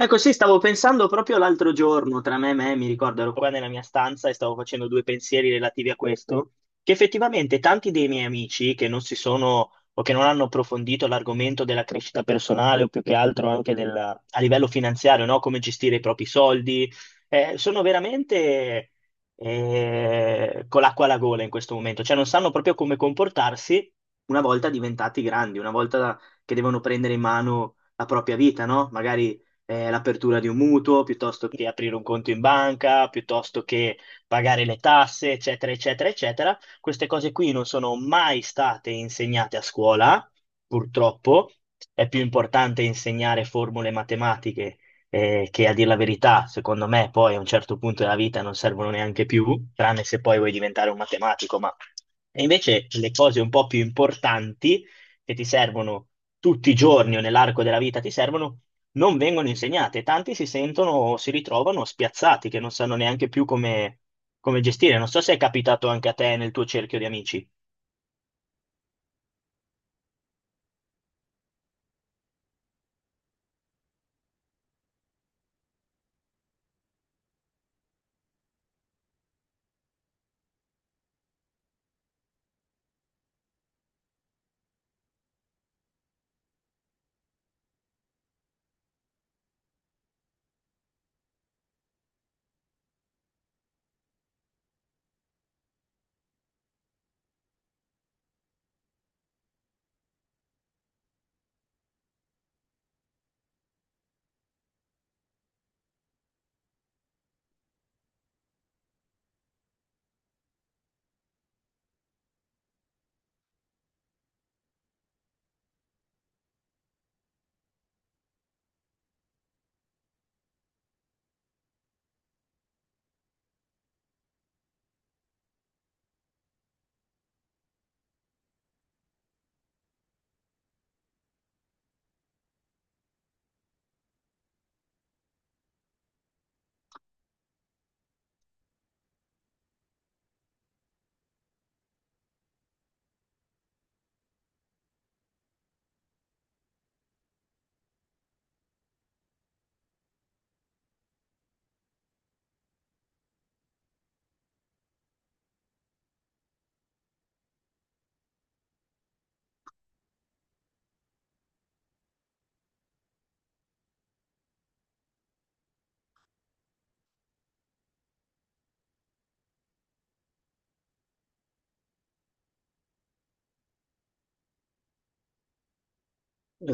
Ecco, sì, stavo pensando proprio l'altro giorno, tra me e me. Mi ricordo, ero qua nella mia stanza e stavo facendo due pensieri relativi a questo, che effettivamente tanti dei miei amici che non si sono o che non hanno approfondito l'argomento della crescita personale o più che altro anche a livello finanziario, no? Come gestire i propri soldi, sono veramente con l'acqua alla gola in questo momento, cioè non sanno proprio come comportarsi una volta diventati grandi, una volta che devono prendere in mano la propria vita, no? Magari l'apertura di un mutuo, piuttosto che aprire un conto in banca, piuttosto che pagare le tasse, eccetera, eccetera, eccetera. Queste cose qui non sono mai state insegnate a scuola, purtroppo. È più importante insegnare formule matematiche, che a dire la verità, secondo me, poi a un certo punto della vita non servono neanche più, tranne se poi vuoi diventare un matematico, ma... E invece le cose un po' più importanti che ti servono tutti i giorni o nell'arco della vita ti servono, non vengono insegnate. Tanti si sentono, si ritrovano spiazzati, che non sanno neanche più come gestire. Non so se è capitato anche a te nel tuo cerchio di amici.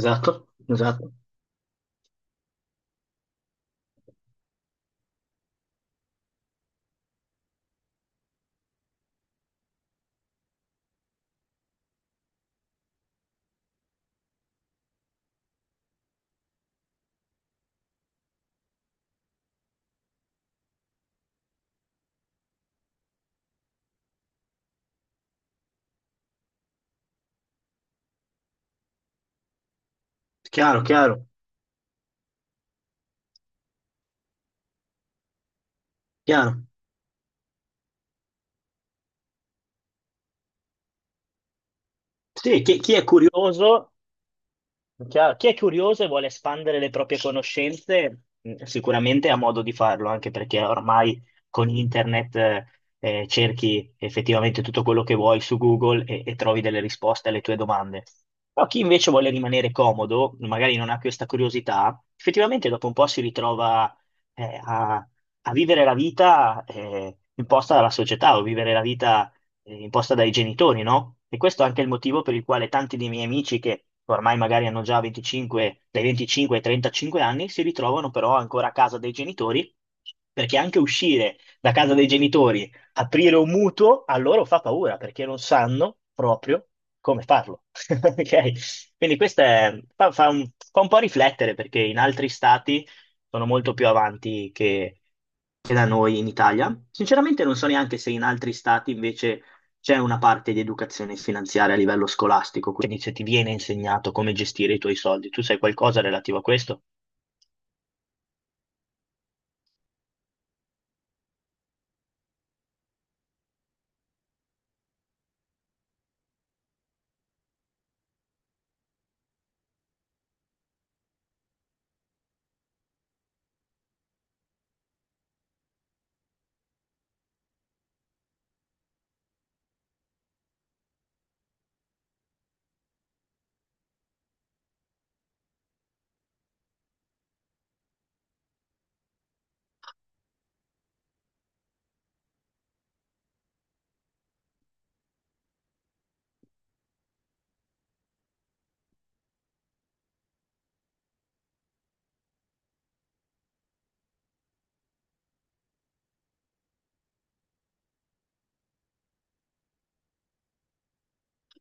Esatto, esatto. Chiaro, chiaro, chiaro. Sì, chi è curioso. Chiaro. Chi è curioso e vuole espandere le proprie conoscenze, sicuramente ha modo di farlo, anche perché ormai con internet cerchi effettivamente tutto quello che vuoi su Google e trovi delle risposte alle tue domande. Però chi invece vuole rimanere comodo, magari non ha questa curiosità, effettivamente dopo un po' si ritrova eh, a, a vivere la vita imposta dalla società o vivere la vita imposta dai genitori, no? E questo è anche il motivo per il quale tanti dei miei amici che ormai magari hanno già 25, dai 25 ai 35 anni si ritrovano però ancora a casa dei genitori, perché anche uscire da casa dei genitori, aprire un mutuo, a loro fa paura, perché non sanno proprio come farlo. Ok? Quindi fa fa un po' riflettere, perché in altri stati sono molto più avanti che da noi in Italia. Sinceramente non so neanche se in altri stati invece c'è una parte di educazione finanziaria a livello scolastico, quindi se ti viene insegnato come gestire i tuoi soldi, tu sai qualcosa relativo a questo?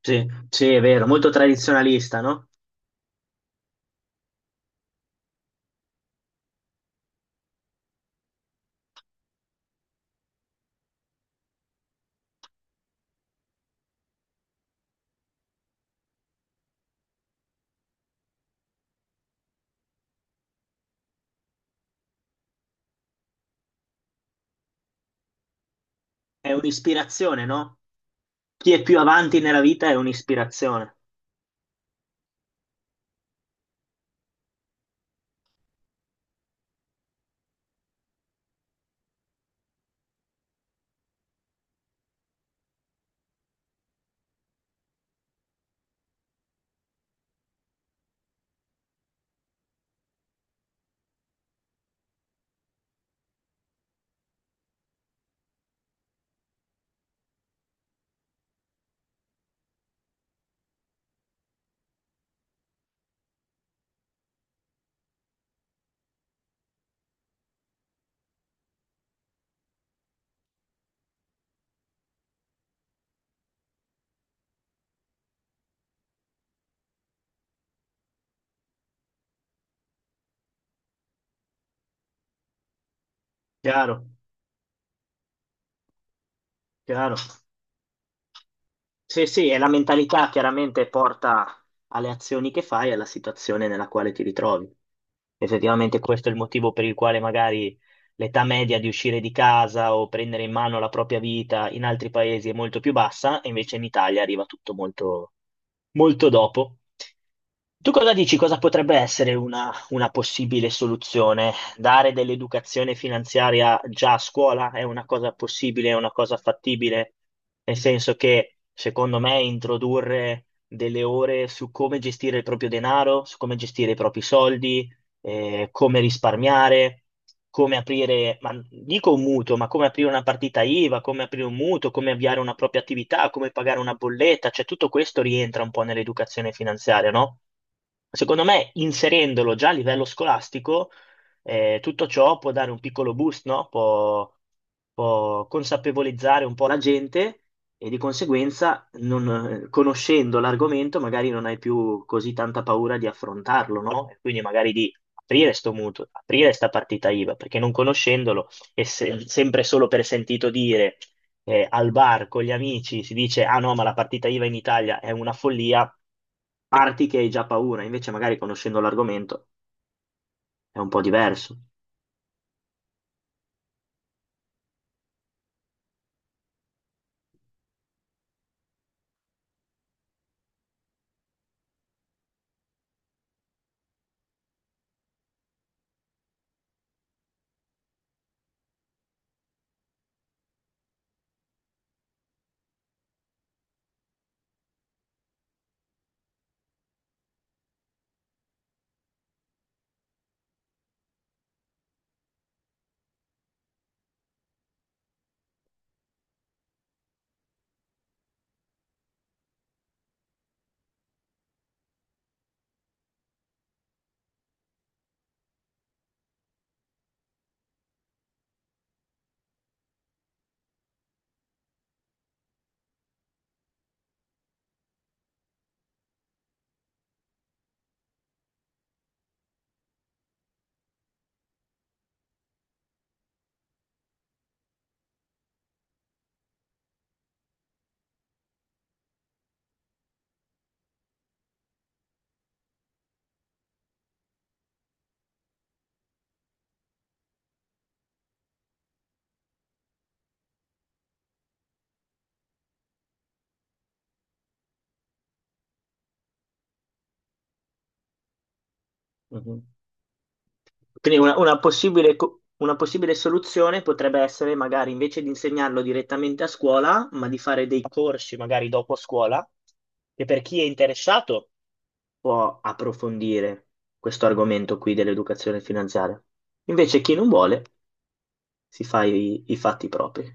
Sì, sì, è vero, molto tradizionalista, no? È un'ispirazione, no? Chi è più avanti nella vita è un'ispirazione. Chiaro, chiaro. Sì, sì, è la mentalità chiaramente porta alle azioni che fai e alla situazione nella quale ti ritrovi. Effettivamente questo è il motivo per il quale magari l'età media di uscire di casa o prendere in mano la propria vita in altri paesi è molto più bassa, e invece in Italia arriva tutto molto, molto dopo. Tu cosa dici? Cosa potrebbe essere una possibile soluzione? Dare dell'educazione finanziaria già a scuola è una cosa possibile, è una cosa fattibile, nel senso che secondo me introdurre delle ore su come gestire il proprio denaro, su come gestire i propri soldi, come risparmiare, come aprire, ma dico un mutuo, ma come aprire una partita IVA, come aprire un mutuo, come avviare una propria attività, come pagare una bolletta, cioè tutto questo rientra un po' nell'educazione finanziaria, no? Secondo me, inserendolo già a livello scolastico, tutto ciò può dare un piccolo boost, no? Può consapevolizzare un po' la gente e di conseguenza, conoscendo l'argomento, magari non hai più così tanta paura di affrontarlo, no? E quindi magari di aprire sto mutuo, aprire sta partita IVA, perché non conoscendolo sempre solo per sentito dire, al bar con gli amici si dice, ah no, ma la partita IVA in Italia è una follia, parti che hai già paura, invece magari conoscendo l'argomento è un po' diverso. Mhm. Quindi una una possibile soluzione potrebbe essere magari invece di insegnarlo direttamente a scuola, ma di fare dei corsi magari dopo scuola, che per chi è interessato può approfondire questo argomento qui dell'educazione finanziaria. Invece chi non vuole si fa i fatti propri.